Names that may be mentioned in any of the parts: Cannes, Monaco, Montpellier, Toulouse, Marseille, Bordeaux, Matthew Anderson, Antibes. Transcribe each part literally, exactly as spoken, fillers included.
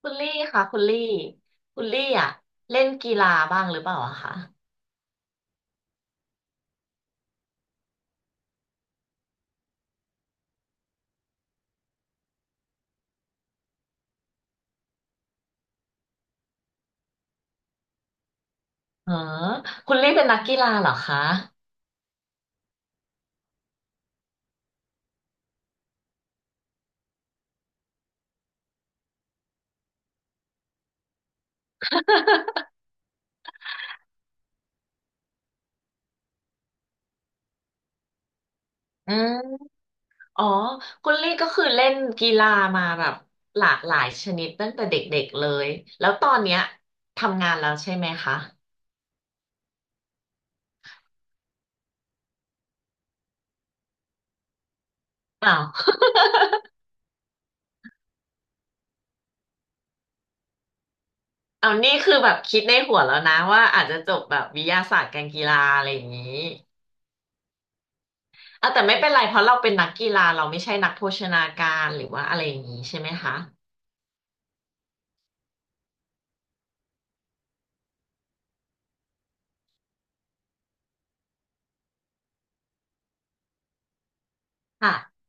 คุณลี่ค่ะคุณลี่คุณลี่อ่ะเล่นกีฬาบ้างหรือเปล่าอะคะเออคุณลี่เป็นนักกีฬาเหรอคะอืมอ๋อคุณลี่ก็คือเล่นกีฬามาแบบหลากหลายชนิดตั้งแต่เด็กๆเลยแล้วตอนเนี้ยทำงานแล้วใช่ไหมคะอ้าว เอานี่คือแบบคิดในหัวแล้วนะว่าอาจจะจบแบบวิทยาศาสตร์การกีฬาอะไรอย่างนี้เอาแต่ไม่เป็นไรเพราะเราเป็นนักกีฬาเราไม่ใช่นักโภชนาการหรือว่าอะไรอย่างนี้ใช่ไหมคะค่ะ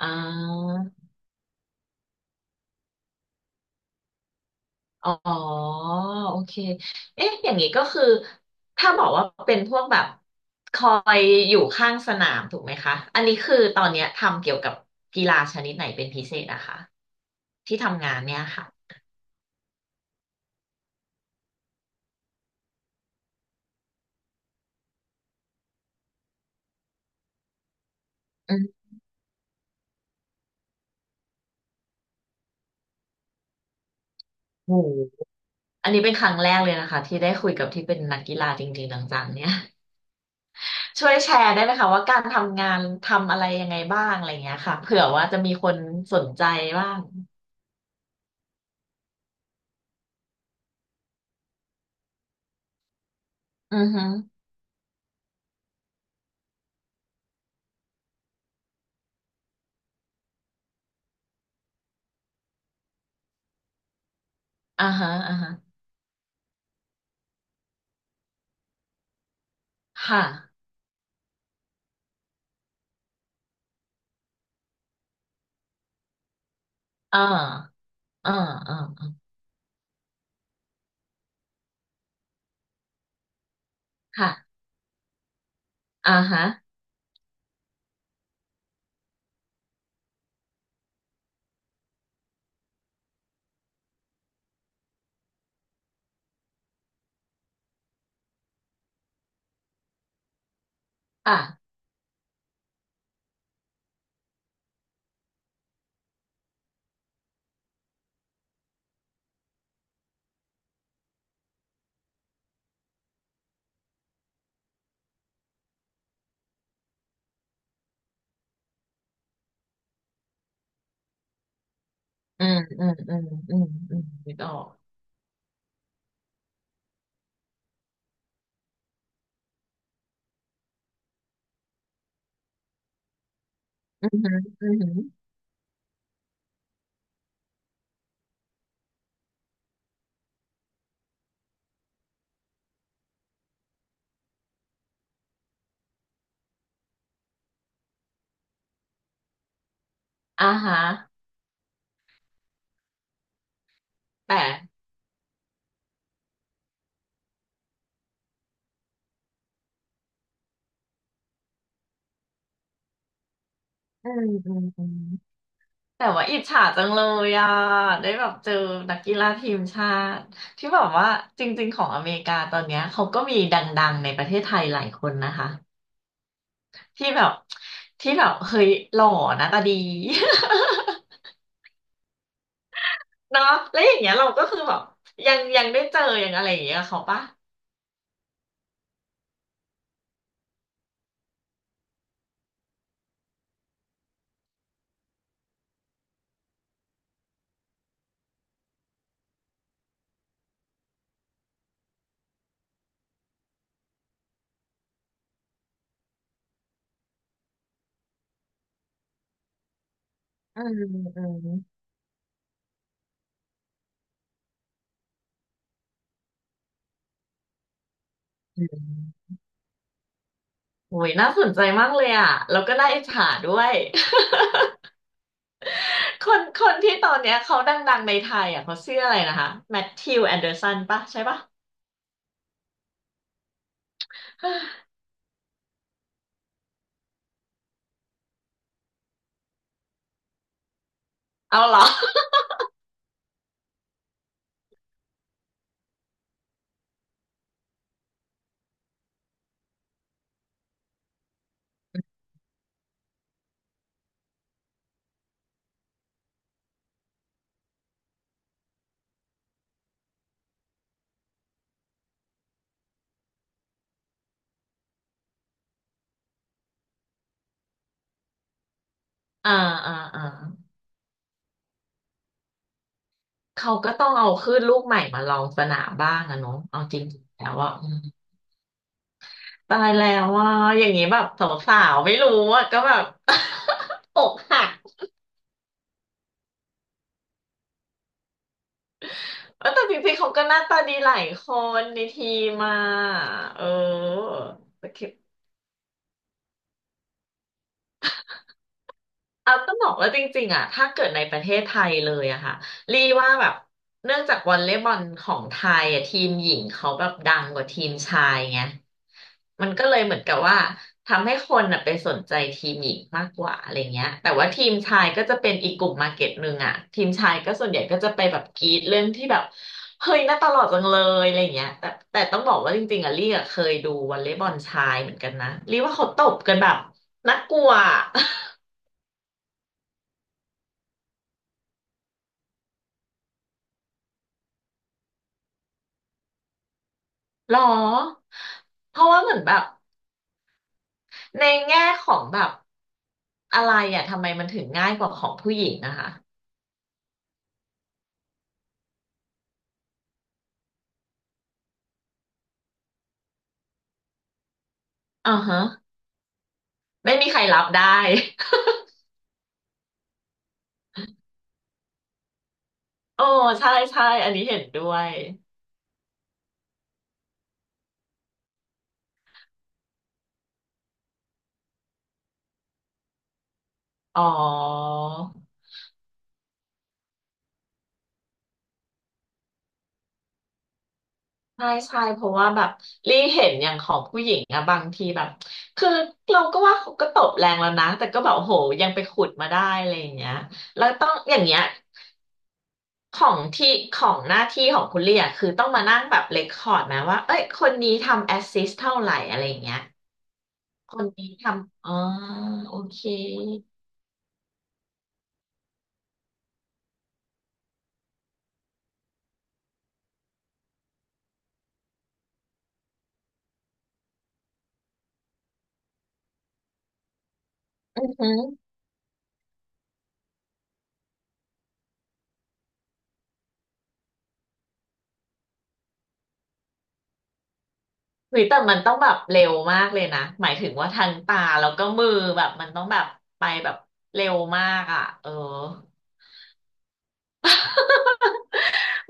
อ่า อ๋อโอเคเอ๊ะอย่างนี้ก็คือถ้าบอกว่าเป็นพวกแบบคอยอยู่ข้างสนามถูกไหมคะอันนี้คือตอนเนี้ยทำเกี่ยวกับกีฬาชนิดไหนเป็นพิเศษนะคะที่ทำงานเนี่ยค่ะอืมโหอันนี้เป็นครั้งแรกเลยนะคะที่ได้คุยกับที่เป็นนักกีฬาจริงๆจังๆเนี่ย ช่วยแชร์ได้ไหมคะว่าการทำงานทำอะไรยังไงบ้างอะไรอย่างเงี้ยค่ะเผื่อว่าจะมีคนสนใจบ้างอือฮึอ่าฮะอ่าฮะค่ะอ่าอ่าอ่า ค่ะอ่าฮะค่ะอืมอืมอืมอืมอืมนึกออกอือหืออือหืออ่าฮะแต่อืมอืมอืมแต่ว่าอิจฉาจังเลยอ่ะได้แบบเจอนักกีฬาทีมชาติที่แบบว่าจริงๆของอเมริกาตอนเนี้ยเขาก็มีดังๆในประเทศไทยหลายคนนะคะที่แบบที่แบบเฮ้ยหล่อหน้าตาดี เนาะแล้วอย่างเงี้ยเราก็คือแบบยังยังได้เจอยังอะไรอย่างเงี้ยกับเขาปะอืมอืมอืม โอ้ยน่าสนใจมากเลยอ่ะแล้วก็น่าอิจฉาด้วย คนคนที่ตอนเนี้ยเขาดังๆในไทยอ่ะเขาชื่ออะไรนะคะแมทธิวแอนเดอร์สันปะใช่ปะ เอาเหรออ่าอ่าอ่าเขาก็ต้องเอาขึ้นลูกใหม่มาลองสนามบ้างอะเนาะเอาจริงๆแล้วว่าตายแล้วว่าอย่างนี้แบบสาวๆไม่รู้อ่ะก็แบบ อกหักเออแต่จริงๆเขาก็หน้าตาดีหลายคนในทีมมาเออ เอาต้องบอกว่าจริงๆอ่ะถ้าเกิดในประเทศไทยเลยอะค่ะรีว่าแบบเนื่องจากวอลเลย์บอลของไทยอะทีมหญิงเขาแบบดังกว่าทีมชายไงมันก็เลยเหมือนกับว่าทำให้คนอะไปสนใจทีมหญิงมากกว่าอะไรเงี้ยแต่ว่าทีมชายก็จะเป็นอีกกลุ่มมาร์เก็ตหนึ่งอะทีมชายก็ส่วนใหญ่ก็จะไปแบบกรี๊ดเรื่องที่แบบเฮ้ยน่าตลอดจังเลยอะไรเงี้ยแต่แต่ต้องบอกว่าจริงๆอะลี่อะเคยดูวอลเลย์บอลชายเหมือนกันนะรีว่าเขาตบกันแบบน่ากลัวอะ หรอเพราะว่าเหมือนแบบในแง่ของแบบอะไรอ่ะทำไมมันถึงง่ายกว่าของผู้หญิงนะคะอ่าฮะไม่มีใครรับได้ โอ้ใช่ใช่อันนี้เห็นด้วยอ๋อใช่ใช่เพราะว่าแบบรีเห็นอย่างของผู้หญิงอะบางทีแบบคือเราก็ว่าเขาก็ตบแรงแล้วนะ แต่ก็แบบโอ้โหยังไปขุดมาได้อะไรอย่างเงี้ยแล้วต้องอย่างเงี้ย ของที่ของหน้าที่ของคุณเรียคือต้องมานั่งแบบเรคคอร์ดไหมว่าเอ้ยคนนี้ทำแอสซิสเท่าไหร่อะไรอย่างเงี้ยคนนี้ทำอ๋อโอเคอือหือหรือแต่มันต้องแบบเร็วมากเลยนะหมายถึงว่าทางตาแล้วก็มือแบบมันต้องแบบไปแบบเร็วมากอ่ะเออ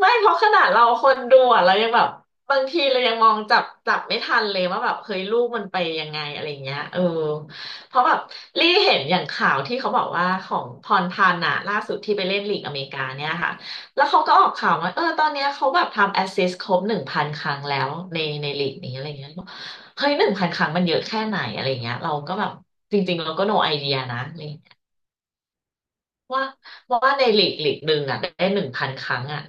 ไม่เพราะขนาดเราคนดูอ่ะเรายังแบบบางทีเรายังมองจับจับไม่ทันเลยว่าแบบเฮ้ยลูกมันไปยังไงอะไรเงี้ยเออเพราะแบบรี่เห็นอย่างข่าวที่เขาบอกว่าของพรพันธ์อะล่าสุดที่ไปเล่นลีกอเมริกาเนี่ยค่ะแล้วเขาก็ออกข่าวว่าเออตอนเนี้ยเขาแบบทำแอสซิสต์ครบหนึ่งพันครั้งแล้วในในลีกนี้อะไรเงี้ยบอกเฮ้ยหนึ่งพันครั้งมันเยอะแค่ไหนอะไรเงี้ยเราก็แบบจริงๆเราก็ โน ไอเดีย นะอะไรเงี้ยว่าว่าในลีกลีกหนึ่งอะได้หนึ่งพันครั้งอะ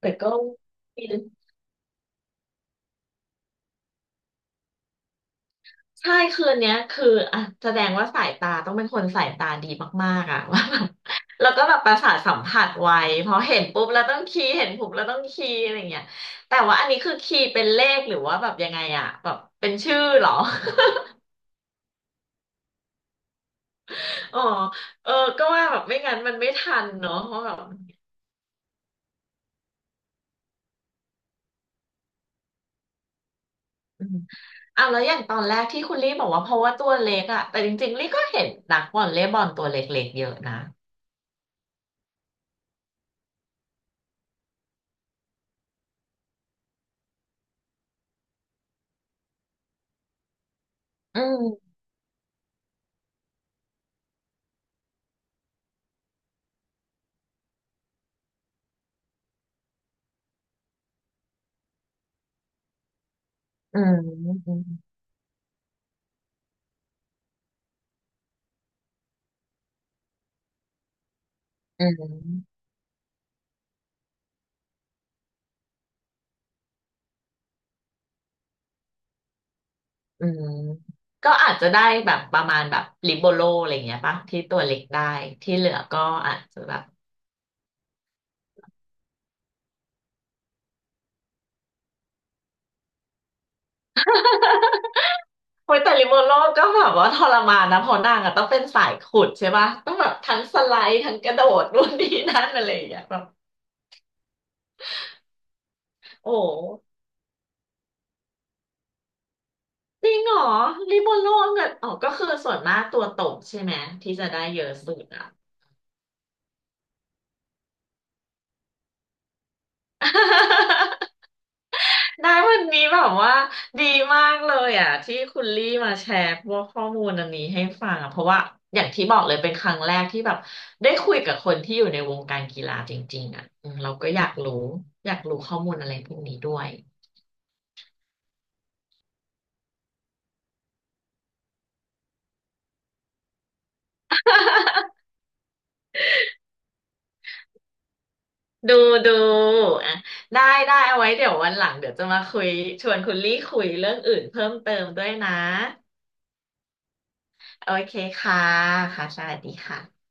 แต่ก็ ใช่คืนเนี้ยคืออ่ะแสดงว่าสายตาต้องเป็นคนสายตาดีมากๆอ่ะ ว่าแบบแล้วก็แบบประสาทสัมผัสไวเพราะเห็นปุ๊บแล้วต้องคีย์เห็นปุ๊บแล้วต้องคีย์อะไรเงี้ยแต่ว่าอันนี้คือคีย์เป็นเลขหรือว่าแบบยังไงอ่ะแบบเป็นชื่อเหรอ อ๋อเออก็ว่าแบบไม่งั้นมันไม่ทันเนาะเพราะแบบอืมอ่ะแล้วอย่างตอนแรกที่คุณลี่บอกว่าเพราะว่าตัวเล็กอ่ะแต่จริงๆลี่ก็เห็นนักวอลเลย์บอลตัวเล็กๆเยอะนะอืมอืมอืมอืม อืมก็อาจจะได้แบบประมาณแบบลิโบโลอะไรอย่างเงี้ยปะที่ตัวเล็กได้ที่เหลือก็อาจจะแบบโอ้ยแต่ลิโบโลก็แบบว่าทรมานนะเพราะนางอะต้องเป็นสายขุดใช่ปะต้องแบบทั้งสไลด์ทั้งกระโดดนู่นนี่นั่นอะไรอย่างเงี้ยแบบโอ้จริงเหรอลิโบโลเนี่ยอ๋อก็คือส่วนมากตัวตกใช่ไหมที่จะได้เยอะสุดอ่ะ ได้วันนี้แบบว่าดีมากเลยอ่ะที่คุณลี่มาแชร์พวกข้อมูลอันนี้ให้ฟังอ่ะเพราะว่าอย่างที่บอกเลยเป็นครั้งแรกที่แบบได้คุยกับคนที่อยู่ในวงการกีฬาจริงๆอ่ะอืมเราก็อยากรู้อยากรู้ข้อมูลอะไรพวกนี้ด้วยดูดูอ่ะได้ได้เอาไว้เดี๋ยววันหลังเดี๋ยวจะมาคุยชวนคุณลี่คุยเรื่องอื่นเพิ่มเติมด้วยนะโอเคค่ะค่ะสวัสดีค่ะ